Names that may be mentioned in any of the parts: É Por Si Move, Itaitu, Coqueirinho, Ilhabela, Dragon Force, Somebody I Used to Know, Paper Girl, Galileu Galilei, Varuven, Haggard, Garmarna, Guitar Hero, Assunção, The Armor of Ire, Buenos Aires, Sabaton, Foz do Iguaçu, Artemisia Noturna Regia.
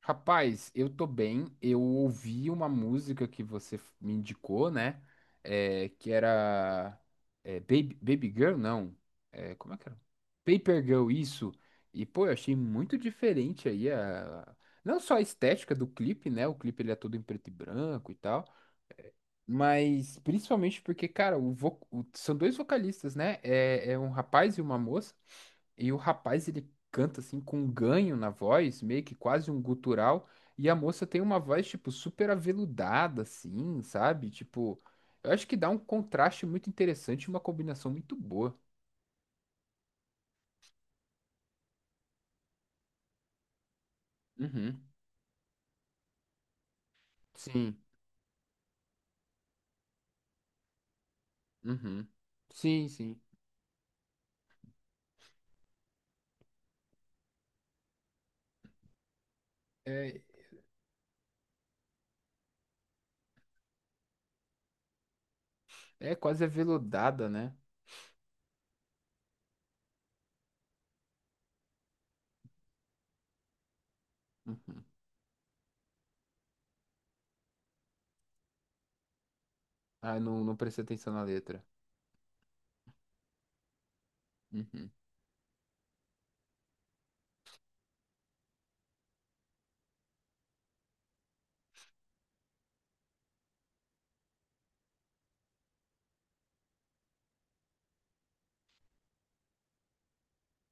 Rapaz, eu tô bem. Eu ouvi uma música que você me indicou, né? É, que era Baby, Baby Girl, não. É, como é que era? Paper Girl, isso. E, pô, eu achei muito diferente aí a... Não só a estética do clipe, né? O clipe ele é todo em preto e branco e tal. Mas principalmente porque, cara, são dois vocalistas, né? É, é um rapaz e uma moça. E o rapaz, ele canta assim com um ganho na voz, meio que quase um gutural. E a moça tem uma voz, tipo, super aveludada, assim, sabe? Tipo, eu acho que dá um contraste muito interessante, uma combinação muito boa. Uhum. Sim. Uhum. Sim, sim. É, é quase aveludada, né? Uhum. Ah, eu não, não prestei atenção na letra. Uhum.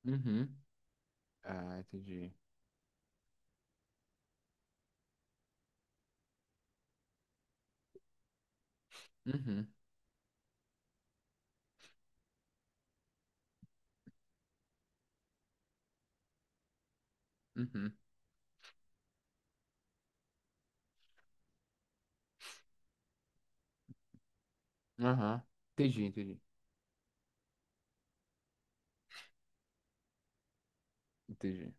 Uhum. Ah, entendi. Uhum, uhum, aham. Entendi, entendi, entendi.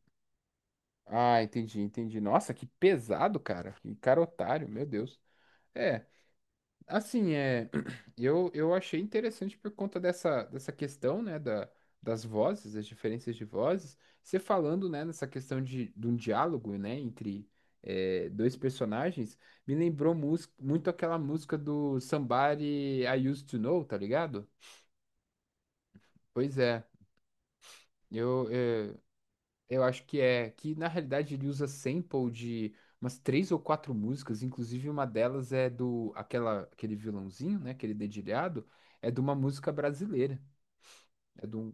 Ah, entendi, entendi. Nossa, que pesado, cara. Que cara otário, meu Deus. É, assim, é, eu achei interessante por conta dessa, dessa questão, né, da, das vozes, das diferenças de vozes. Você falando, né, nessa questão de um diálogo, né, entre é, dois personagens, me lembrou muito aquela música do Somebody I Used to Know, tá ligado? Pois é. Eu, eh, Eu acho que é que na realidade ele usa sample de umas três ou quatro músicas, inclusive uma delas é do aquela aquele vilãozinho, né, aquele dedilhado, é de uma música brasileira. É de um,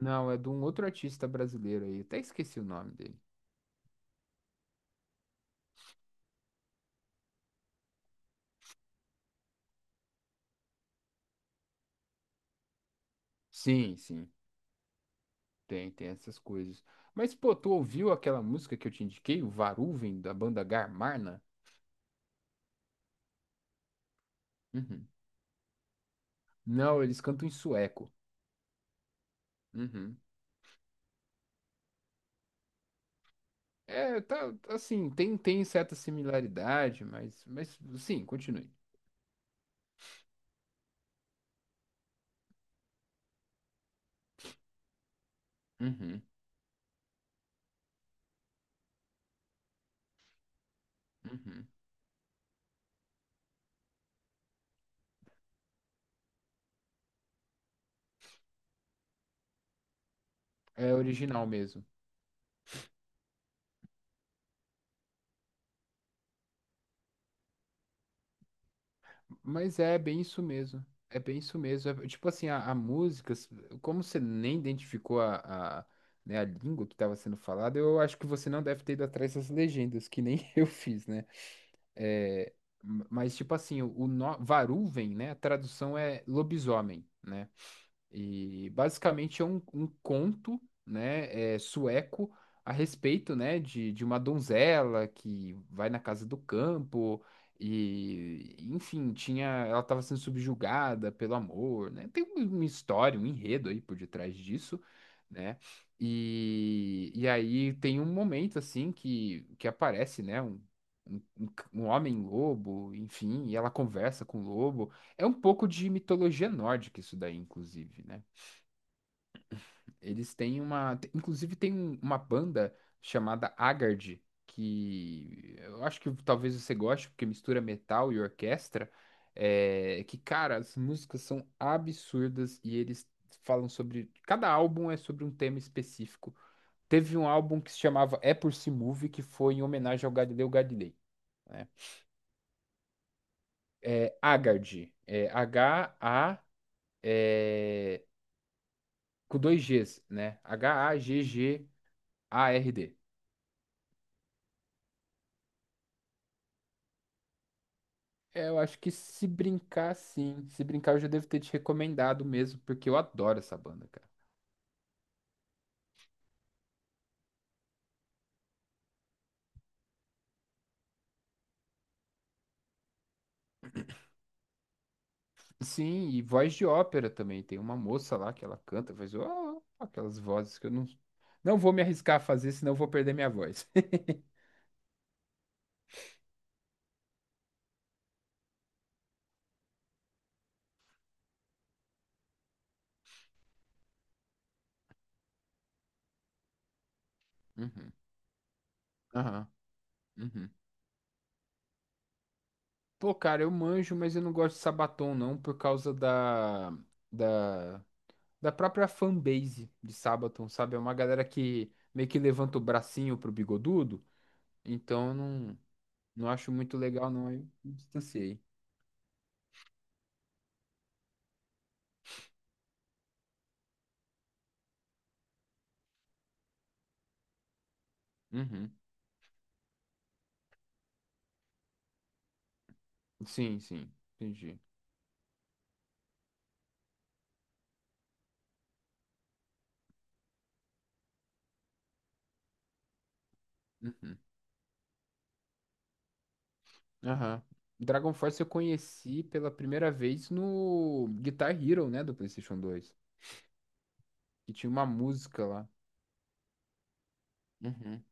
não, é de um outro artista brasileiro aí, até esqueci o nome dele. Sim, sim, tem essas coisas. Mas pô, tu ouviu aquela música que eu te indiquei, o Varuven da banda Garmarna? Uhum. Não, eles cantam em sueco. Uhum. É, tá, assim, tem, tem certa similaridade, mas sim, continue. Uhum, uhum. É original mesmo. Mas é bem isso mesmo. É bem isso mesmo. É, tipo assim, a música, s- como você nem identificou a, né, a língua que estava sendo falada, eu acho que você não deve ter ido atrás das legendas, que nem eu fiz, né? É, m- mas, tipo assim, o Varuven, né? A tradução é lobisomem, né? E basicamente é um, um conto, né, é, sueco a respeito, né, de uma donzela que vai na casa do campo e, enfim, tinha, ela estava sendo subjugada pelo amor, né? Tem uma história, um enredo aí por detrás disso, né? E aí tem um momento assim que aparece, né, um, um homem lobo, enfim, e ela conversa com o lobo. É um pouco de mitologia nórdica isso daí, inclusive, né? Eles têm uma, inclusive tem uma banda chamada Haggard, que eu acho que talvez você goste, porque mistura metal e orquestra, é, que, cara, as músicas são absurdas e eles falam sobre, cada álbum é sobre um tema específico. Teve um álbum que se chamava É Por Si Move, que foi em homenagem ao Galileu Galilei, né? É Haggard, é H-A com dois Gs, né? H-A-G-G-A-R-D. É, eu acho que se brincar, sim. Se brincar, eu já devo ter te recomendado mesmo, porque eu adoro essa banda, cara. Sim, e voz de ópera também. Tem uma moça lá que ela canta, faz ó, aquelas vozes que eu não, não vou me arriscar a fazer, senão eu vou perder minha voz. Uhum, aham, uhum. Pô, cara, eu manjo, mas eu não gosto de Sabaton, não, por causa da, da, da própria fanbase de Sabaton, sabe? É uma galera que meio que levanta o bracinho pro bigodudo, então eu não, não acho muito legal, não. Aí eu me distanciei. Uhum. Sim, sim, entendi. Uhum. Aham. Dragon Force eu conheci pela primeira vez no Guitar Hero, né, do PlayStation 2, que tinha uma música lá. Uhum.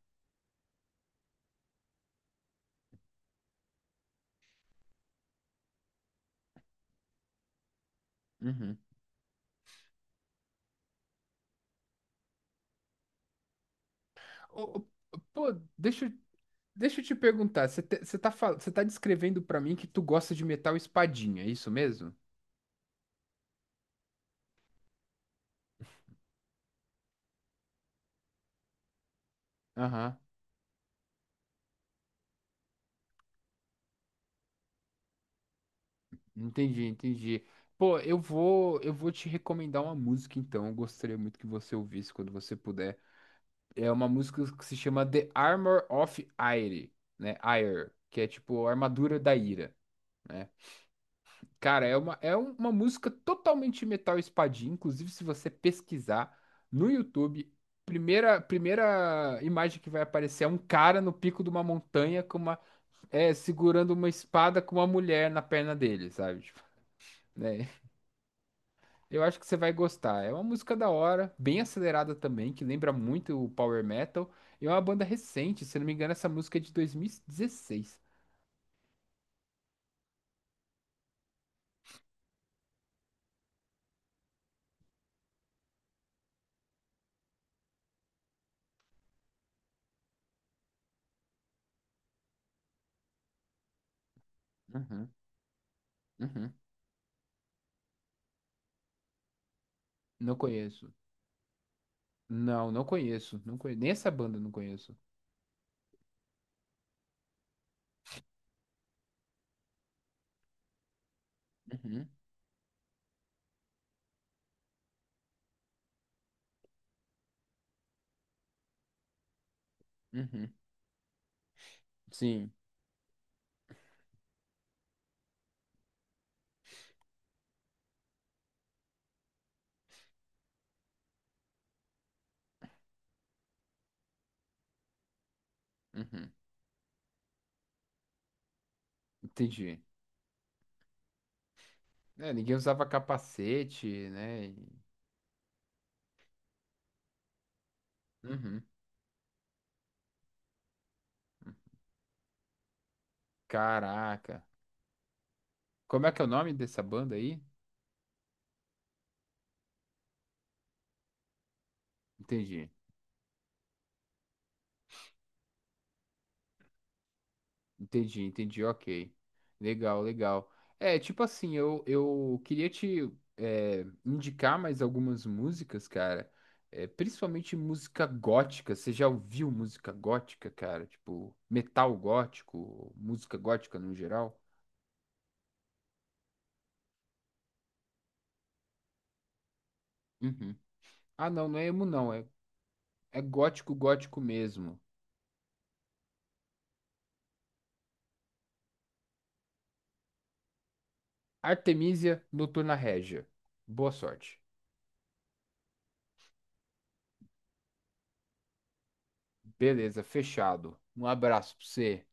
Uhum. Ô, pô, deixa, eu- deixa eu te perguntar, você tá, você tá descrevendo pra mim que tu gosta de metal espadinha, é isso mesmo? Aham. Entendi, entendi. Pô, eu vou te recomendar uma música então. Eu gostaria muito que você ouvisse quando você puder. É uma música que se chama The Armor of Ire, né? Ire, que é tipo a armadura da ira, né? Cara, é uma, é um, uma música totalmente metal espadinha. Inclusive, se você pesquisar no YouTube, primeira imagem que vai aparecer é um cara no pico de uma montanha com uma é, segurando uma espada com uma mulher na perna dele, sabe? Tipo, né? Eu acho que você vai gostar. É uma música da hora, bem acelerada também, que lembra muito o Power Metal. E é uma banda recente, se não me engano, essa música é de 2016. Uhum, uhum, Não conheço. Não, não conheço. Não conheço. Nem essa banda eu não conheço. Uhum, uhum. Sim, uhum, Entendi. É, ninguém usava capacete, né? E- uhum. Caraca. Como é que é o nome dessa banda aí? Entendi. Entendi, entendi, ok. Legal, legal. É, tipo assim, eu queria te é, indicar mais algumas músicas, cara. É, principalmente música gótica. Você já ouviu música gótica, cara? Tipo, metal gótico, música gótica no geral? Uhum. Ah, não, não é emo, não. É, é gótico, gótico mesmo. Artemisia Noturna Regia. Boa sorte. Beleza, fechado. Um abraço pra você.